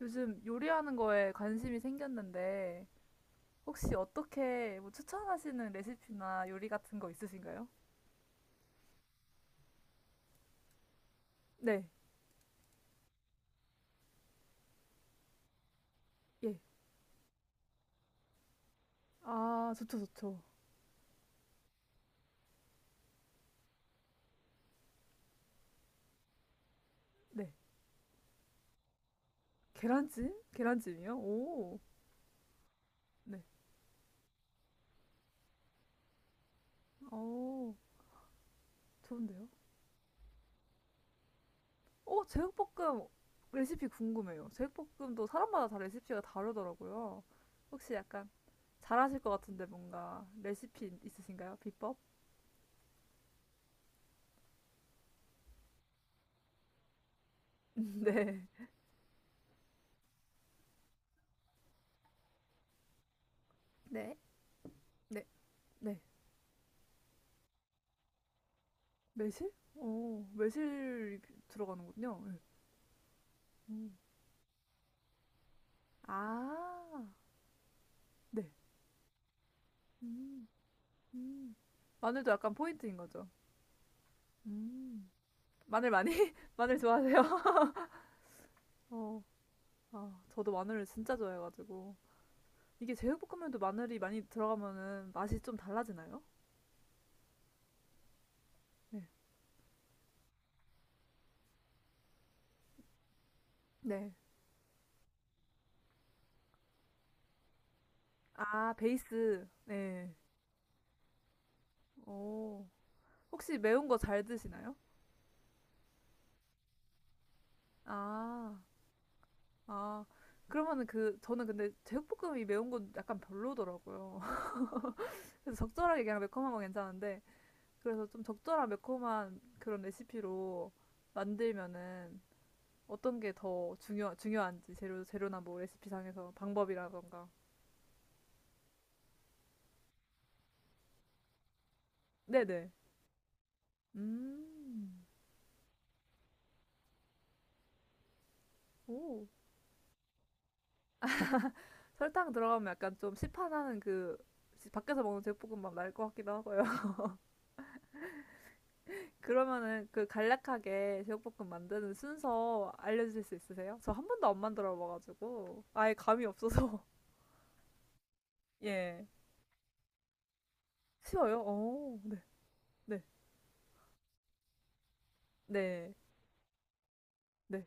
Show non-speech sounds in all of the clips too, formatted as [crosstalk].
요즘 요리하는 거에 관심이 생겼는데, 혹시 어떻게 뭐 추천하시는 레시피나 요리 같은 거 있으신가요? 네, 예. 아, 좋죠, 좋죠. 네. 계란찜? 계란찜이요? 오, 네. 오, 좋은데요? 오, 제육볶음 레시피 궁금해요. 제육볶음도 사람마다 다 레시피가 다르더라고요. 혹시 약간 잘하실 것 같은데 뭔가 레시피 있으신가요? 비법? [laughs] 네. 네, 네, 네. 매실? 어, 매실이 들어가는군요. 예. 음. 아, 네. 음, 음, 마늘도 약간 포인트인 거죠. 음. 마늘 많이? [laughs] 마늘 좋아하세요? [laughs] 어, 아, 저도 마늘을 진짜 좋아해가지고. 이게 제육볶음면도 마늘이 많이 들어가면은 맛이 좀 달라지나요? 네. 네. 아, 베이스. 네. 오. 혹시 매운 거 잘 드시나요? 아, 아. 그러면은 그, 저는 근데 제육볶음이 매운 건 약간 별로더라고요. 그래서 적절하게 그냥 매콤한 건 괜찮은데 그래서 좀 적절한 매콤한 그런 레시피로 만들면은 어떤 게 더 중요한지 재료나 뭐 레시피상에서 방법이라던가. 네네. 음. 오. 설탕 들어가면 약간 좀 시판하는 그 밖에서 먹는 제육볶음밥 날 것 같기도 하고요. [laughs] 그러면은 그 간략하게 제육볶음 만드는 순서 알려주실 수 있으세요? 저 한 번도 안 만들어 봐가지고 아예 감이 없어서 [laughs] 예 쉬워요. 오, 네, 네. 네. 네.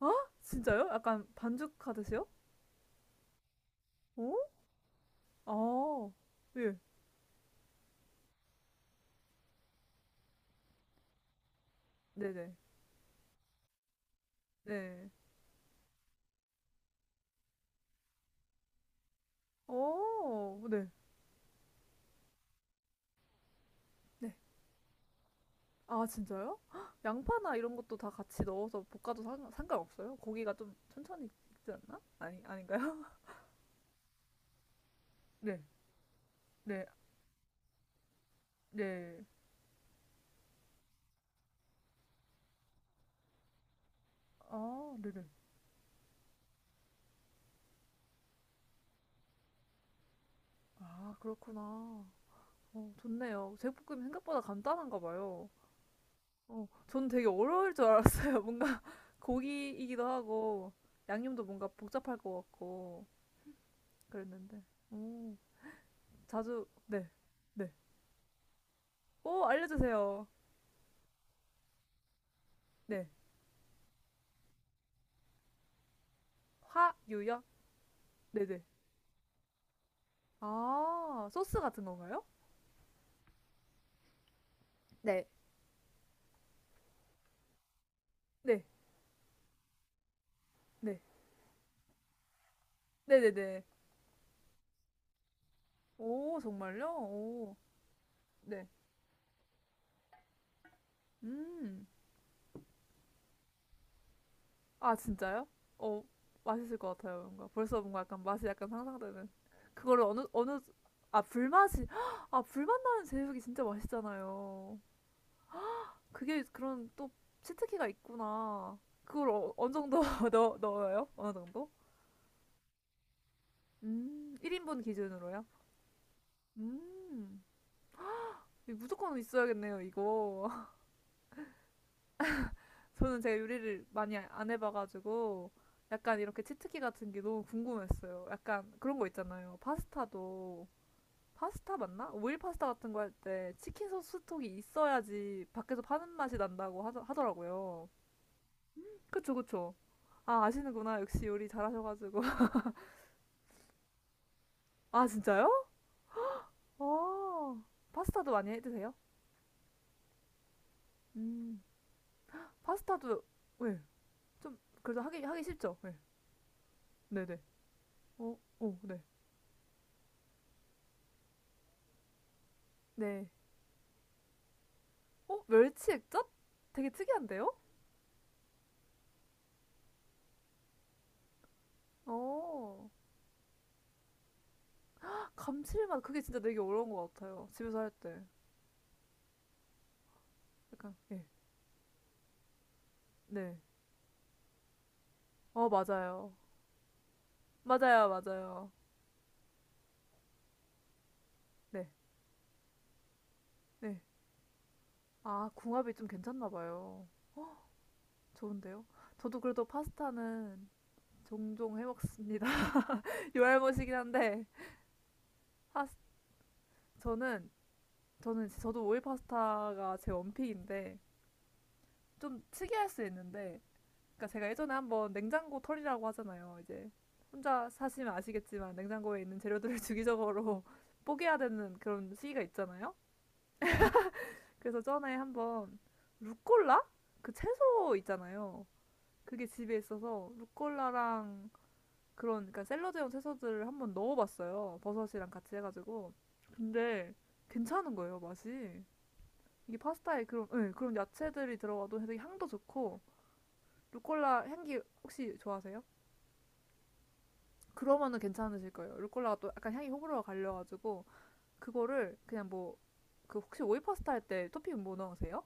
아, 진짜요? 약간 반죽하듯이요? 어? 아. 예. 네네. 네. 네. 어. 네. 네. 아, 진짜요? [gasps] 헉, 양파나 이런 것도 다 같이 넣어서 볶아도 상관없어요? 고기가 좀 천천히 익지 않나? 아니, 아닌가요? [laughs] 네. 네. 네. 아, 네네. 아, 그렇구나. 어, 좋네요. 제육볶음이 생각보다 간단한가 봐요. 어, 저는 되게 어려울 줄 알았어요. [laughs] 뭔가 고기이기도 하고 양념도 뭔가 복잡할 것 같고 그랬는데. 오, 자주 네. 네. 오, 알려주세요. 네. 화유요? 네네. 아, 소스 같은 건가요? 네. 네. 네. 네네네. 오, 정말요? 오. 네. 음. 아, 진짜요? 어, 맛있을 것 같아요, 뭔가. 벌써 뭔가 약간 맛이 약간 상상되는. 그거를 어느, 아, 불맛이, [gasps] 아, 불맛 나는 제육이 진짜 맛있잖아요. 그게 그런 또 치트키가 있구나. 그걸 어, 어느 정도 [laughs] 넣어요? 어느 정도? 1인분 기준으로요? 음, 무조건 있어야겠네요, 이거. [laughs] 저는 제가 요리를 많이 안 해봐가지고, 약간 이렇게 치트키 같은 게 너무 궁금했어요. 약간 그런 거 있잖아요. 파스타도. 파스타 맞나? 오일 파스타 같은 거 할 때 치킨 소스 스톡이 있어야지 밖에서 파는 맛이 난다고 하더라고요. 그쵸, 그쵸. 아, 아시는구나. 역시 요리 잘하셔가지고. [laughs] 아, 진짜요? 아 파스타도 많이 해 드세요? 음, 파스타도, 왜? 좀, 그래도 하기 쉽죠? 네. 네네. 어, 어, 네. 네. 어, 멸치 액젓? 되게 특이한데요? 어, 감칠맛. 그게 진짜 되게 어려운 것 같아요. 집에서 할 때. 약간, 예. 네. 어, 맞아요. 맞아요, 맞아요. 네, 네. 아, 궁합이 좀 괜찮나 봐요. 좋은데요? 저도 그래도 파스타는 종종 해 먹습니다. [laughs] 요알못이긴 한데, 파스, 저는, 저도 오일 파스타가 제 원픽인데, 좀 특이할 수 있는데, 그러니까 제가 예전에 한번 냉장고 털이라고 하잖아요. 이제 혼자 사시면 아시겠지만, 냉장고에 있는 재료들을 [laughs] 주기적으로 [laughs] 뽀개야 되는 그런 시기가 있잖아요. 그래서 전에 한번 루꼴라? 그 채소 있잖아요. 그게 집에 있어서 루꼴라랑 그런 그러니까 샐러드용 채소들을 한번 넣어봤어요. 버섯이랑 같이 해가지고. 근데 괜찮은 거예요 맛이. 이게 파스타에 그런 예, 그런 야채들이 들어가도 되게 향도 좋고 루꼴라 향기 혹시 좋아하세요? 그러면은 괜찮으실 거예요. 루꼴라가 또 약간 향이 호불호가 갈려가지고 그거를 그냥 뭐 그 혹시 오이 파스타 할 때 토핑 뭐 넣으세요?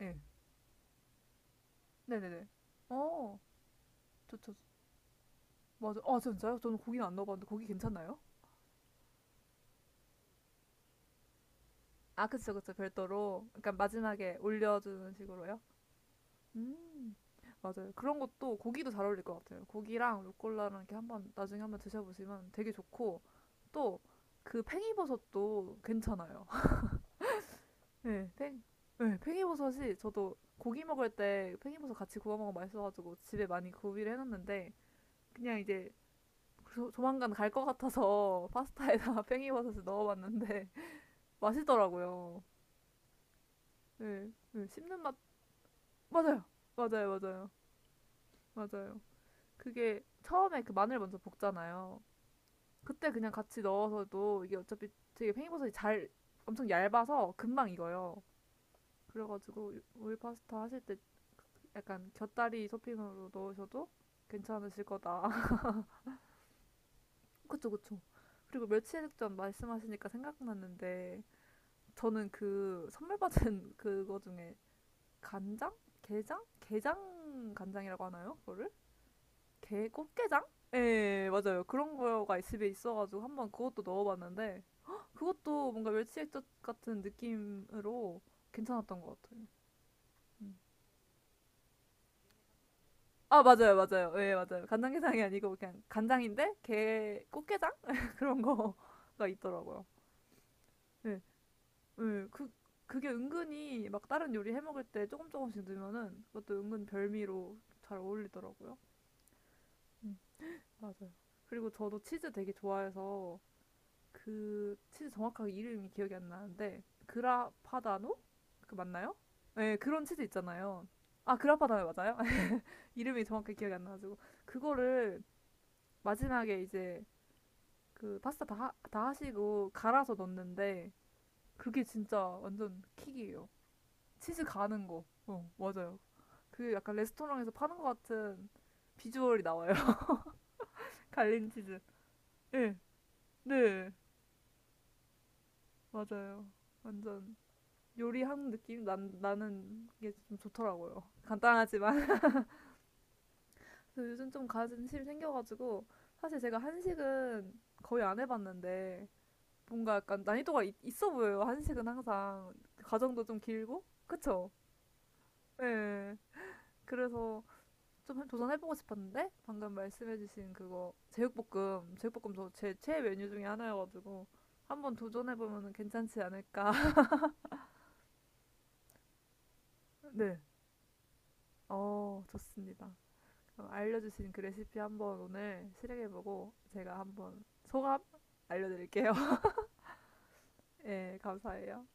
예. 네네네. 어, 좋죠. 맞아. 아 진짜요? 저는 고기는 안 넣어봤는데 고기 괜찮나요? 아, 그쵸, 그쵸. 별도로. 그러니까 마지막에 올려주는 식으로요. 음, 맞아요. 그런 것도 고기도 잘 어울릴 것 같아요. 고기랑 루꼴라랑 이렇게 한번 나중에 한번 드셔보시면 되게 좋고 또 그 팽이버섯도 괜찮아요. [laughs] 네, 팽, 네, 팽이버섯이 저도 고기 먹을 때 팽이버섯 같이 구워 먹으면 맛있어가지고 집에 많이 구비를 해놨는데 그냥 이제 조만간 갈 것 같아서 [laughs] 파스타에다가 팽이버섯을 넣어봤는데 [laughs] 맛있더라고요. 네, 네, 씹는 맛 맞아요. 맞아요. 맞아요. 맞아요. 그게 처음에 그 마늘 먼저 볶잖아요. 그때 그냥 같이 넣어서도 이게 어차피 되게 팽이버섯이 잘 엄청 얇아서 금방 익어요. 그래가지고 우유 파스타 하실 때 약간 곁다리 토핑으로 넣으셔도 괜찮으실 거다. [laughs] 그쵸, 그쵸. 그리고 며칠 전 말씀하시니까 생각났는데 저는 그 선물 받은 [laughs] 그거 중에 간장? 게장? 게장 간장이라고 하나요? 그거를? 게 꽃게장? 예, 맞아요. 그런 거가 집에 있어가지고 한번 그것도 넣어봤는데 헉, 그것도 뭔가 멸치액젓 같은 느낌으로 괜찮았던 것 같아요. 아, 맞아요, 맞아요. 예, 맞아요. 간장게장이 아니고 그냥 간장인데 게 꽃게장? [laughs] 그런 거가 있더라고요. 예, 예, 그 그게 은근히 막 다른 요리 해 먹을 때 조금씩 넣으면은 그것도 은근 별미로 잘 어울리더라고요. 음, 맞아요. 그리고 저도 치즈 되게 좋아해서 그 치즈 정확하게 이름이 기억이 안 나는데 그라파다노? 그 맞나요? 네, 그런 치즈 있잖아요. 아, 그라파다노 맞아요? [laughs] 이름이 정확하게 기억이 안 나가지고 그거를 마지막에 이제 그 파스타 다 하시고 갈아서 넣는데 그게 진짜 완전 킥이에요. 치즈 가는 거. 어, 맞아요. 그 약간 레스토랑에서 파는 것 같은 비주얼이 나와요. [laughs] 갈린 치즈. 예. 네. 맞아요. 완전 요리하는 느낌 나는 이게 좀 좋더라고요. 간단하지만. [laughs] 요즘 좀 관심이 생겨가지고 사실 제가 한식은 거의 안 해봤는데 뭔가 약간 난이도가 있어 보여요. 한식은 항상 과정도 좀 길고 그쵸? 예. 그래서 좀 도전해보고 싶었는데 방금 말씀해주신 그거 제육볶음 저 제 최애 메뉴 중에 하나여가지고 한번 도전해보면 괜찮지 않을까. [laughs] 네. 어 좋습니다. 어, 알려주신 그 레시피 한번 오늘 실행해보고 제가 한번 소감 알려드릴게요. [laughs] 예, 감사해요.